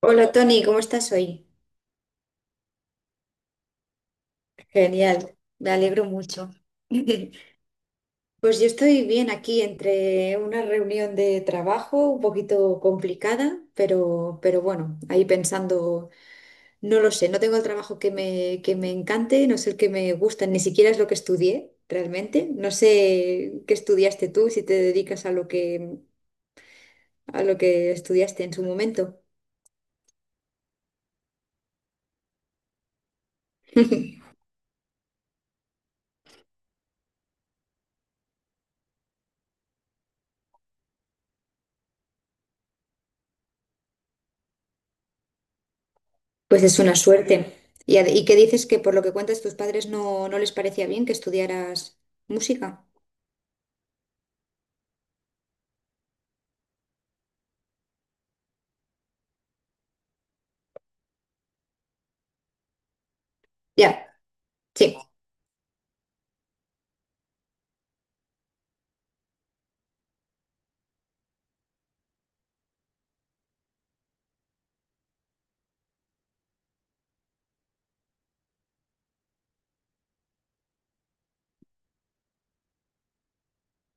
Hola Tony, ¿cómo estás hoy? Genial, me alegro mucho. Pues yo estoy bien aquí entre una reunión de trabajo un poquito complicada, pero bueno, ahí pensando, no lo sé, no tengo el trabajo que me encante, no es el que me gusta, ni siquiera es lo que estudié realmente. No sé qué estudiaste tú, si te dedicas a a lo que estudiaste en su momento. Pues es una suerte. ¿ Y qué dices que por lo que cuentas tus padres no les parecía bien que estudiaras música? Ya, sí,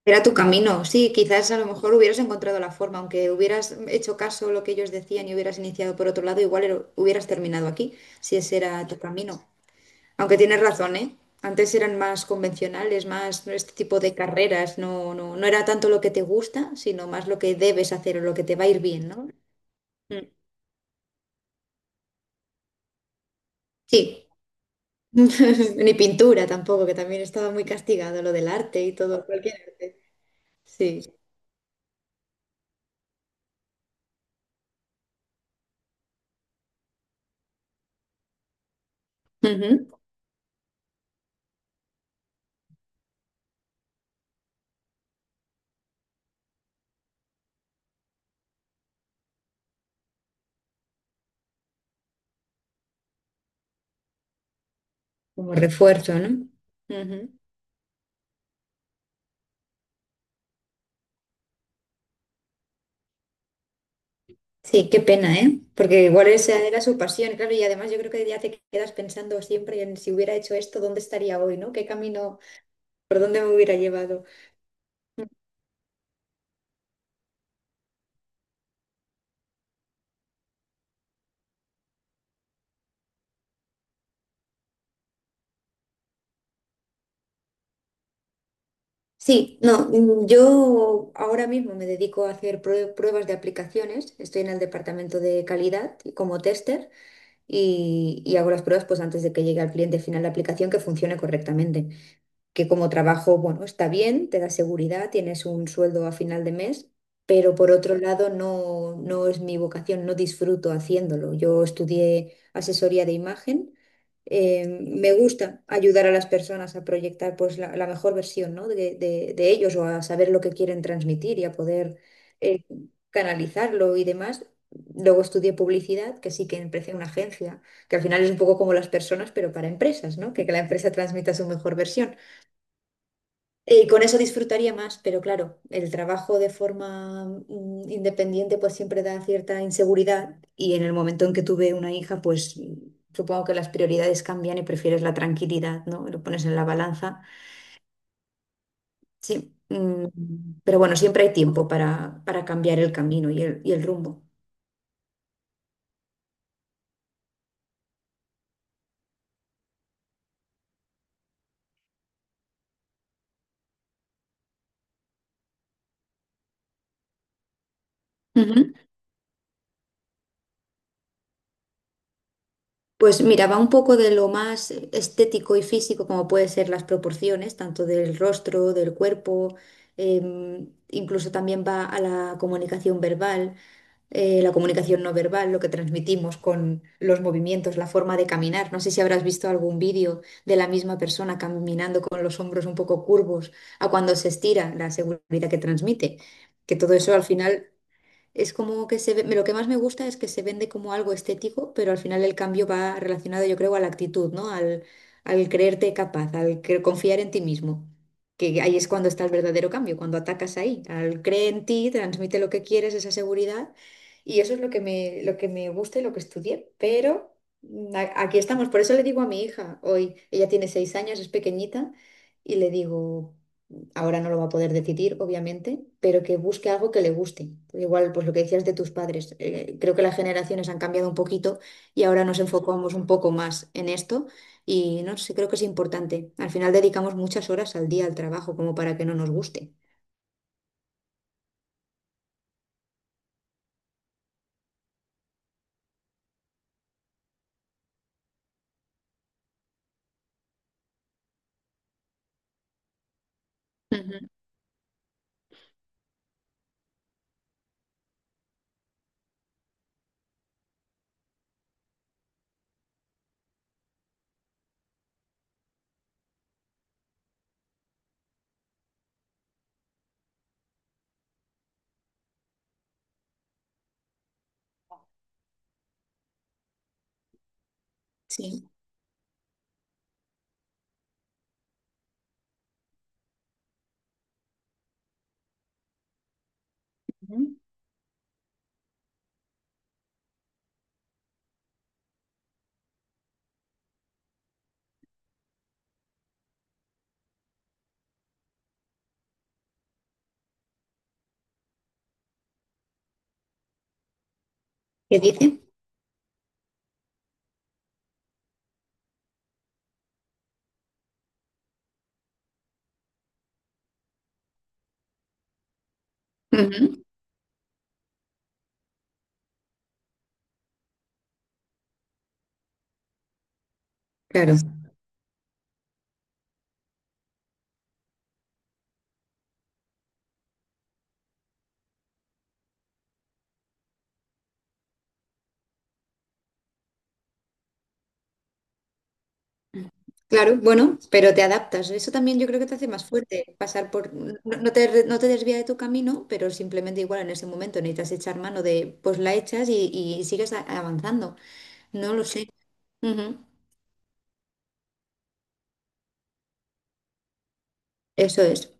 era tu camino. Sí, quizás a lo mejor hubieras encontrado la forma, aunque hubieras hecho caso a lo que ellos decían y hubieras iniciado por otro lado, igual hubieras terminado aquí, si ese era tu camino. Aunque tienes razón, ¿eh? Antes eran más convencionales, más este tipo de carreras, no era tanto lo que te gusta, sino más lo que debes hacer o lo que te va a ir bien, ¿no? Mm. Sí. Ni pintura tampoco, que también estaba muy castigado lo del arte y todo, cualquier arte. Sí. Ujú. Como refuerzo, ¿no? Ujú. Sí, qué pena, ¿eh? Porque igual esa era su pasión, claro, y además yo creo que ya te quedas pensando siempre en si hubiera hecho esto, ¿dónde estaría hoy, ¿no? ¿Qué camino, por dónde me hubiera llevado? Sí, no, mm, Yo ahora mismo me dedico a hacer pruebas de aplicaciones, estoy en el departamento de calidad y como tester. Y hago las pruebas pues antes de que llegue al cliente final la aplicación que funcione correctamente, que como trabajo, bueno, está bien, te da seguridad, tienes un sueldo a final de mes, pero por otro lado no es mi vocación, no disfruto haciéndolo. Yo estudié asesoría de imagen. Me gusta ayudar a las personas a proyectar pues la mejor versión, ¿no? De ellos o a saber lo que quieren transmitir y a poder eh, canalizarlo y demás. Luego estudié publicidad, que sí que empecé en una agencia, que al final es un poco como las personas, pero para empresas, ¿no? Que la empresa transmita su mejor versión. Y con eso disfrutaría más, pero claro, el trabajo de forma independiente pues siempre da cierta inseguridad y en el momento en que tuve una hija pues supongo que las prioridades cambian y prefieres la tranquilidad, ¿no? Lo pones en la balanza. Sí, mm, pero bueno, siempre hay tiempo para cambiar el camino y el rumbo. Pues mira, va un poco de lo más estético y físico, como puede ser las proporciones, tanto del rostro, del cuerpo, incluso también va a la comunicación verbal, la comunicación no verbal, lo que transmitimos con los movimientos, la forma de caminar. No sé si habrás visto algún vídeo de la misma persona caminando con los hombros un poco curvos a cuando se estira, la seguridad que transmite, que todo eso al final es como que se ve, lo que más me gusta es que se vende como algo estético, pero al final el cambio va relacionado, yo creo, a la actitud, ¿no? Al, al creerte capaz, al confiar en ti mismo. Que ahí es cuando está el verdadero cambio, cuando atacas ahí, al cree en ti, transmite lo que quieres, esa seguridad. Y eso es lo que lo que me gusta y lo que estudié. Pero aquí estamos, por eso le digo a mi hija hoy, ella tiene 6 años, es pequeñita, y le digo ahora no lo va a poder decidir, obviamente, pero que busque algo que le guste. Igual, pues lo que decías de tus padres, creo que las generaciones han cambiado un poquito y ahora nos enfocamos un poco más en esto y no sé, creo que es importante. Al final dedicamos muchas horas al día al trabajo como para que no nos guste. Ujú. Sí. Ujú. ¿Qué dice? Ujú. Claro. Claro, bueno, pero te adaptas. Eso también yo creo que te hace más fuerte, pasar por... No, no te desvía de tu camino, pero simplemente igual en ese momento necesitas echar mano de, pues la echas y sigues avanzando. No lo sé. Ujú. Eso es.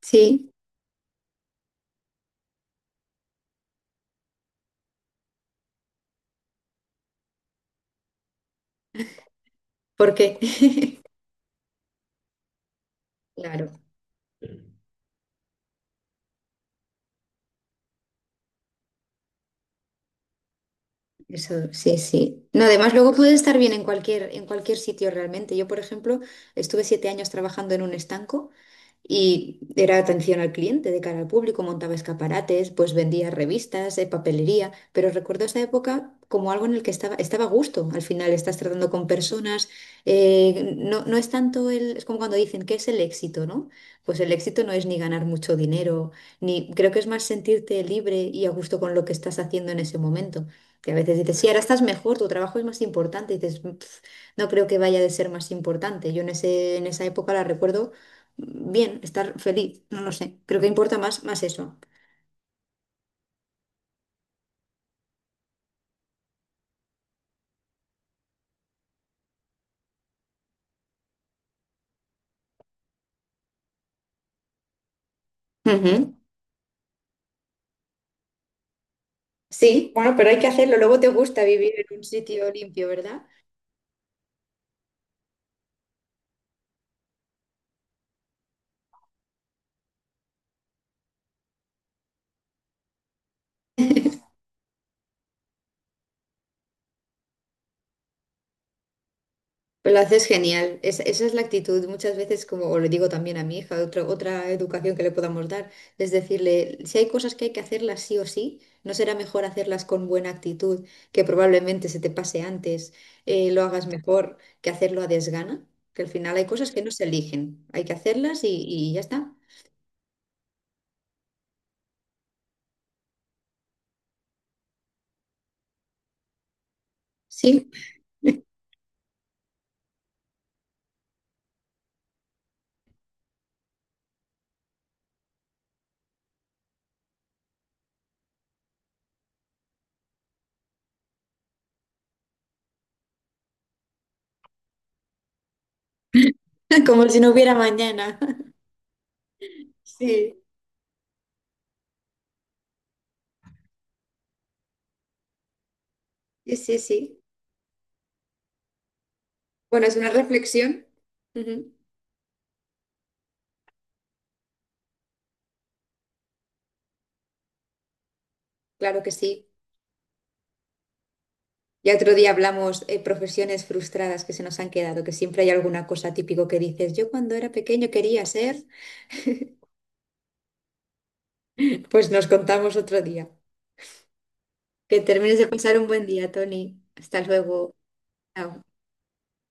Sí, ¿por qué? Claro, eso sí, sí. No, además luego puedes estar bien en cualquier sitio realmente. Yo, por ejemplo, estuve 7 años trabajando en un estanco. Y era atención al cliente, de cara al público, montaba escaparates, pues vendía revistas, papelería, pero recuerdo esa época como algo en el que estaba a gusto. Al final estás tratando con personas, no es tanto el, es como cuando dicen, ¿qué es el éxito, no? Pues el éxito no es ni ganar mucho dinero, ni creo que es más sentirte libre y a gusto con lo que estás haciendo en ese momento. Que a veces dices, sí, ahora estás mejor, tu trabajo es más importante, y dices, "Pf, no creo que vaya de ser más importante. Yo en en esa época la recuerdo bien, estar feliz, no lo sé. Creo que importa más, más eso. Ujú. Sí, bueno, pero hay que hacerlo. Luego te gusta vivir en un sitio limpio, ¿verdad? Pero lo haces genial. Esa es la actitud. Muchas veces, como le digo también a mi hija, otra educación que le podamos dar, es decirle, si hay cosas que hay que hacerlas sí o sí, ¿no será mejor hacerlas con buena actitud, que probablemente se te pase antes, lo hagas mejor, que hacerlo a desgana? Que al final hay cosas que no se eligen. Hay que hacerlas y ya está. Sí. Como si no hubiera mañana. Sí, sí, sí. Sí. Bueno, es una reflexión. Ujú. Claro que sí. Ya otro día hablamos, profesiones frustradas que se nos han quedado, que siempre hay alguna cosa típico que dices, yo cuando era pequeño quería ser. Pues nos contamos otro día. Que termines de pasar un buen día, Tony. Hasta luego. Chao.